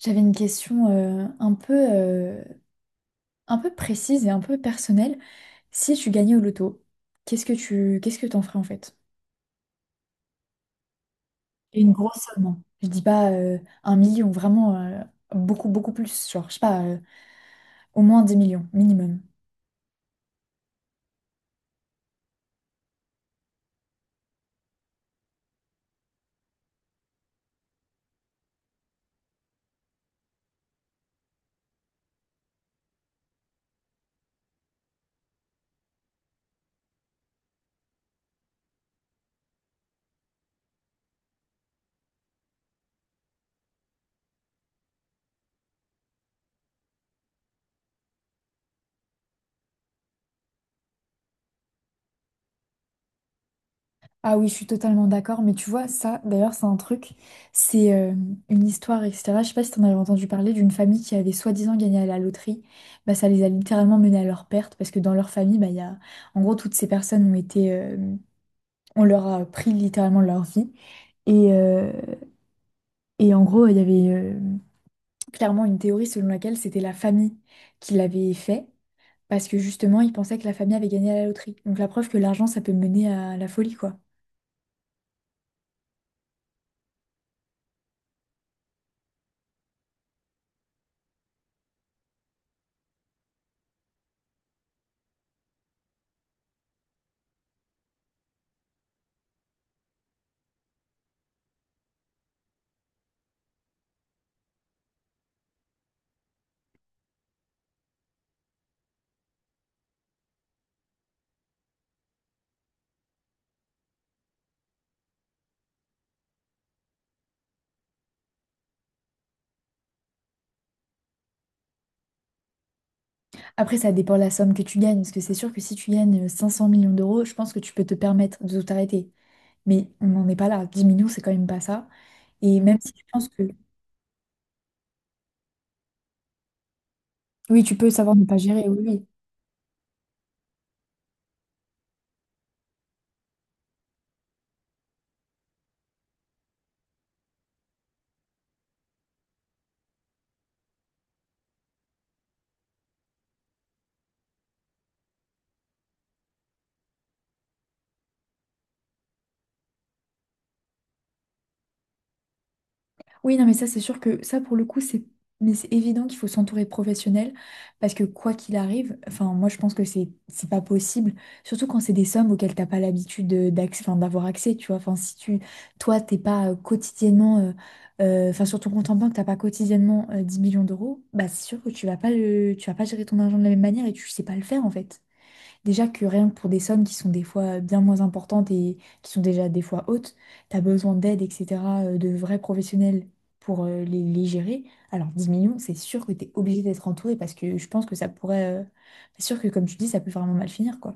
J'avais une question un peu précise et un peu personnelle. Si tu gagnais au loto, qu'est-ce que t'en ferais en fait? Et une grosse somme, hein. Je dis pas un million, vraiment beaucoup, beaucoup plus. Genre, je sais pas, au moins des millions minimum. Ah oui, je suis totalement d'accord, mais tu vois, ça, d'ailleurs, c'est un truc, c'est une histoire, etc. Je sais pas si t'en avais entendu parler d'une famille qui avait soi-disant gagné à la loterie. Bah, ça les a littéralement menés à leur perte, parce que dans leur famille, bah, il y a. En gros, toutes ces personnes ont été. On leur a pris littéralement leur vie. Et, euh, et en gros, il y avait clairement une théorie selon laquelle c'était la famille qui l'avait fait, parce que justement, ils pensaient que la famille avait gagné à la loterie. Donc la preuve que l'argent, ça peut mener à la folie, quoi. Après, ça dépend de la somme que tu gagnes, parce que c'est sûr que si tu gagnes 500 millions d'euros, je pense que tu peux te permettre de t'arrêter. Mais on n'en est pas là. 10 millions, c'est quand même pas ça. Et même si tu penses que. Oui, tu peux savoir ne pas gérer, oui, oui. Oui, non, mais ça, c'est sûr que ça, pour le coup, c'est mais c'est évident qu'il faut s'entourer de professionnels parce que quoi qu'il arrive, enfin, moi, je pense que c'est pas possible, surtout quand c'est des sommes auxquelles t'as pas l'habitude enfin, d'avoir accès, tu vois. Enfin, si toi, t'es pas quotidiennement, enfin, sur ton compte en banque, t'as pas quotidiennement 10 millions d'euros, bah, c'est sûr que tu vas pas gérer ton argent de la même manière et tu sais pas le faire, en fait. Déjà que rien que pour des sommes qui sont des fois bien moins importantes et qui sont déjà des fois hautes, tu as besoin d'aide, etc., de vrais professionnels pour les gérer. Alors 10 millions, c'est sûr que tu es obligé d'être entouré parce que je pense que ça pourrait. C'est sûr que comme tu dis, ça peut vraiment mal finir, quoi.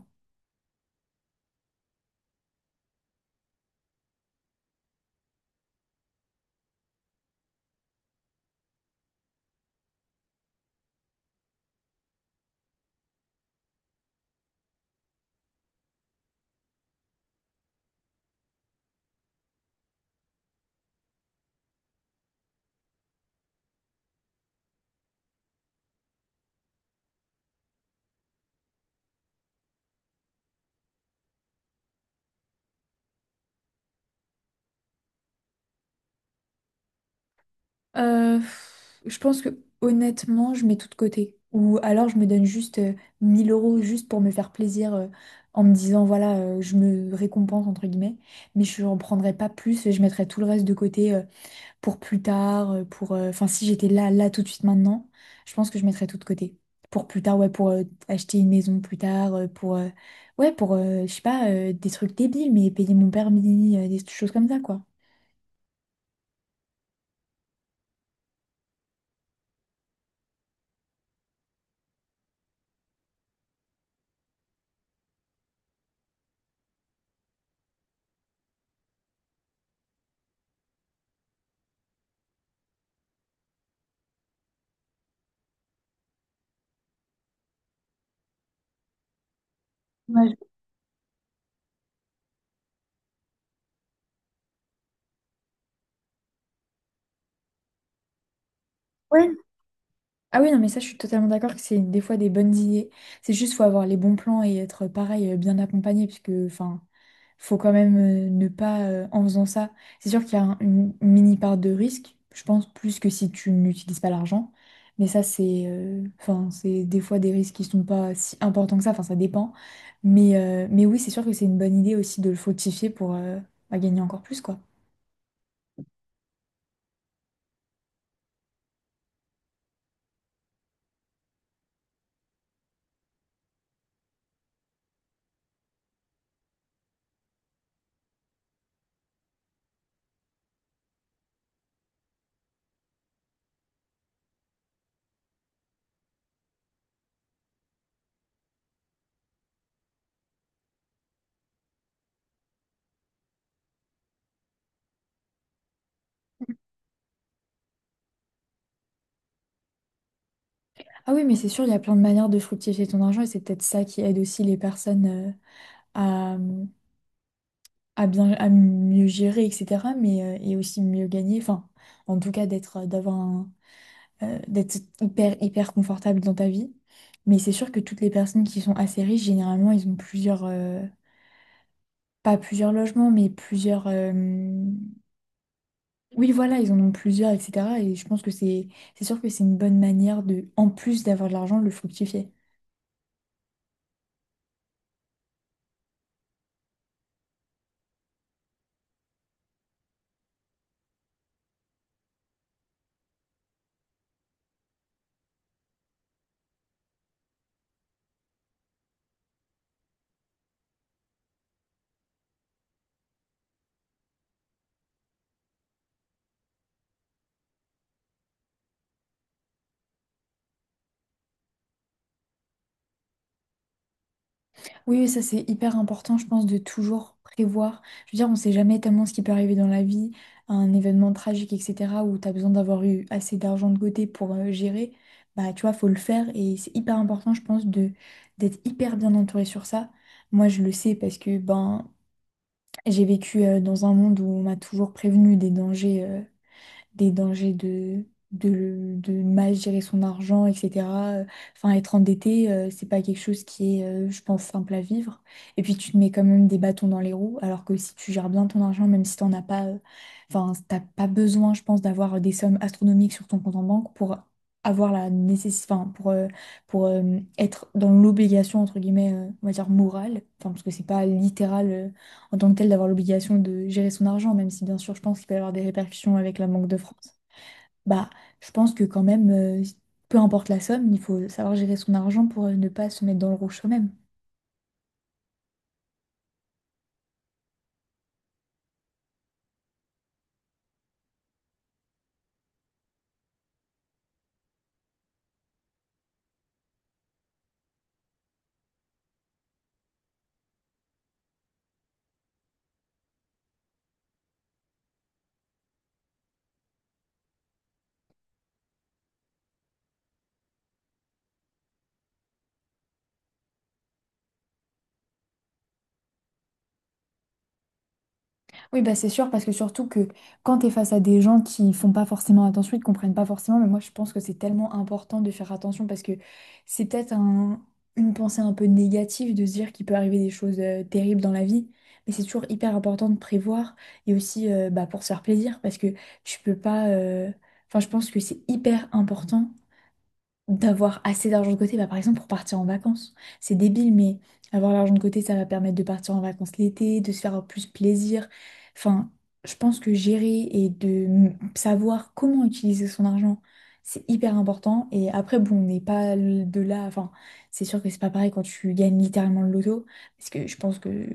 Je pense que honnêtement, je mets tout de côté. Ou alors je me donne juste 1 000 euros juste pour me faire plaisir en me disant, voilà, je me récompense, entre guillemets, mais je n'en prendrai pas plus et je mettrai tout le reste de côté pour plus tard. Enfin, si j'étais là, là, tout de suite, maintenant, je pense que je mettrais tout de côté. Pour plus tard, ouais, pour acheter une maison plus tard, ouais, je sais pas, des trucs débiles, mais payer mon permis, des choses comme ça, quoi. Ouais, ah oui, non, mais ça, je suis totalement d'accord que c'est des fois des bonnes idées. C'est juste, faut avoir les bons plans et être pareil, bien accompagné, puisque, enfin, faut quand même ne pas, en faisant ça. C'est sûr qu'il y a une mini part de risque, je pense, plus que si tu n'utilises pas l'argent. Mais ça, c'est, enfin, c'est des fois des risques qui sont pas si importants que ça, enfin, ça dépend. Mais oui, c'est sûr que c'est une bonne idée aussi de le fructifier pour, bah, gagner encore plus, quoi. Ah oui, mais c'est sûr, il y a plein de manières de fructifier ton argent et c'est peut-être ça qui aide aussi les personnes, euh, à mieux gérer, etc., mais et aussi mieux gagner, enfin, en tout cas d'être hyper hyper confortable dans ta vie. Mais c'est sûr que toutes les personnes qui sont assez riches généralement ils ont plusieurs, pas plusieurs logements, mais plusieurs, oui voilà, ils en ont plusieurs, etc., et je pense que c'est sûr que c'est une bonne manière, de en plus d'avoir de l'argent, le fructifier. Oui, oui, ça c'est hyper important, je pense, de toujours prévoir. Je veux dire, on ne sait jamais tellement ce qui peut arriver dans la vie, un événement tragique, etc., où tu as besoin d'avoir eu assez d'argent de côté pour gérer. Bah, tu vois, faut le faire et c'est hyper important, je pense, de d'être hyper bien entouré sur ça. Moi, je le sais parce que ben, j'ai vécu dans un monde où on m'a toujours prévenu des dangers. Des dangers de mal gérer son argent, etc. Euh, Enfin, être endetté, c'est pas quelque chose qui est, je pense, simple à vivre. Et puis, tu te mets quand même des bâtons dans les roues, alors que si tu gères bien ton argent, même si t'en as pas, enfin, t'as pas besoin, je pense, d'avoir des sommes astronomiques sur ton compte en banque pour avoir la nécessité, enfin, pour être dans l'obligation, entre guillemets, on va dire morale, enfin, parce que c'est pas littéral. En tant que tel d'avoir l'obligation de gérer son argent, même si bien sûr je pense qu'il peut y avoir des répercussions avec la Banque de France, bah je pense que quand même, peu importe la somme, il faut savoir gérer son argent pour ne pas se mettre dans le rouge soi-même. Oui, bah c'est sûr, parce que surtout que quand tu es face à des gens qui font pas forcément attention, ils comprennent pas forcément, mais moi je pense que c'est tellement important de faire attention, parce que c'est peut-être une pensée un peu négative de se dire qu'il peut arriver des choses terribles dans la vie, mais c'est toujours hyper important de prévoir, et aussi bah, pour se faire plaisir, parce que tu peux pas. Enfin, je pense que c'est hyper important d'avoir assez d'argent de côté, bah, par exemple pour partir en vacances. C'est débile, mais avoir l'argent de côté, ça va permettre de partir en vacances l'été, de se faire plus plaisir. Enfin, je pense que gérer et de savoir comment utiliser son argent, c'est hyper important. Et après, bon, on n'est pas de là. Enfin, c'est sûr que c'est pas pareil quand tu gagnes littéralement le loto, parce que je pense que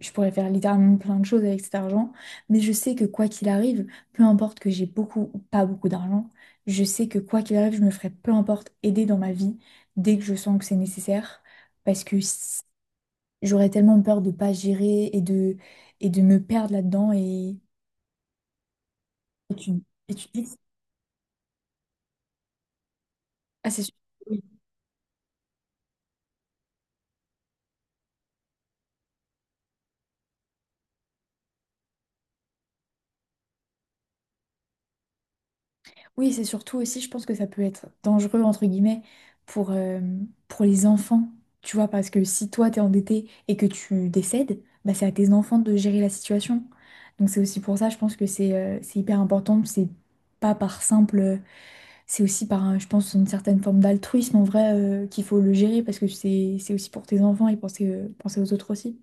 je pourrais faire littéralement plein de choses avec cet argent, mais je sais que quoi qu'il arrive, peu importe que j'ai beaucoup ou pas beaucoup d'argent, je sais que quoi qu'il arrive, je me ferai peu importe aider dans ma vie dès que je sens que c'est nécessaire, parce que j'aurais tellement peur de pas gérer, et de me perdre là-dedans, et tu, et tu te dis, ah c'est sûr. Oui, c'est surtout aussi, je pense que ça peut être dangereux, entre guillemets, pour, euh, pour les enfants, tu vois, parce que si toi, t'es endetté et que tu décèdes, bah, c'est à tes enfants de gérer la situation. Donc c'est aussi pour ça, je pense que c'est hyper important, c'est pas par simple, c'est aussi par, je pense, une certaine forme d'altruisme en vrai, qu'il faut le gérer, parce que c'est aussi pour tes enfants, et penser aux autres aussi.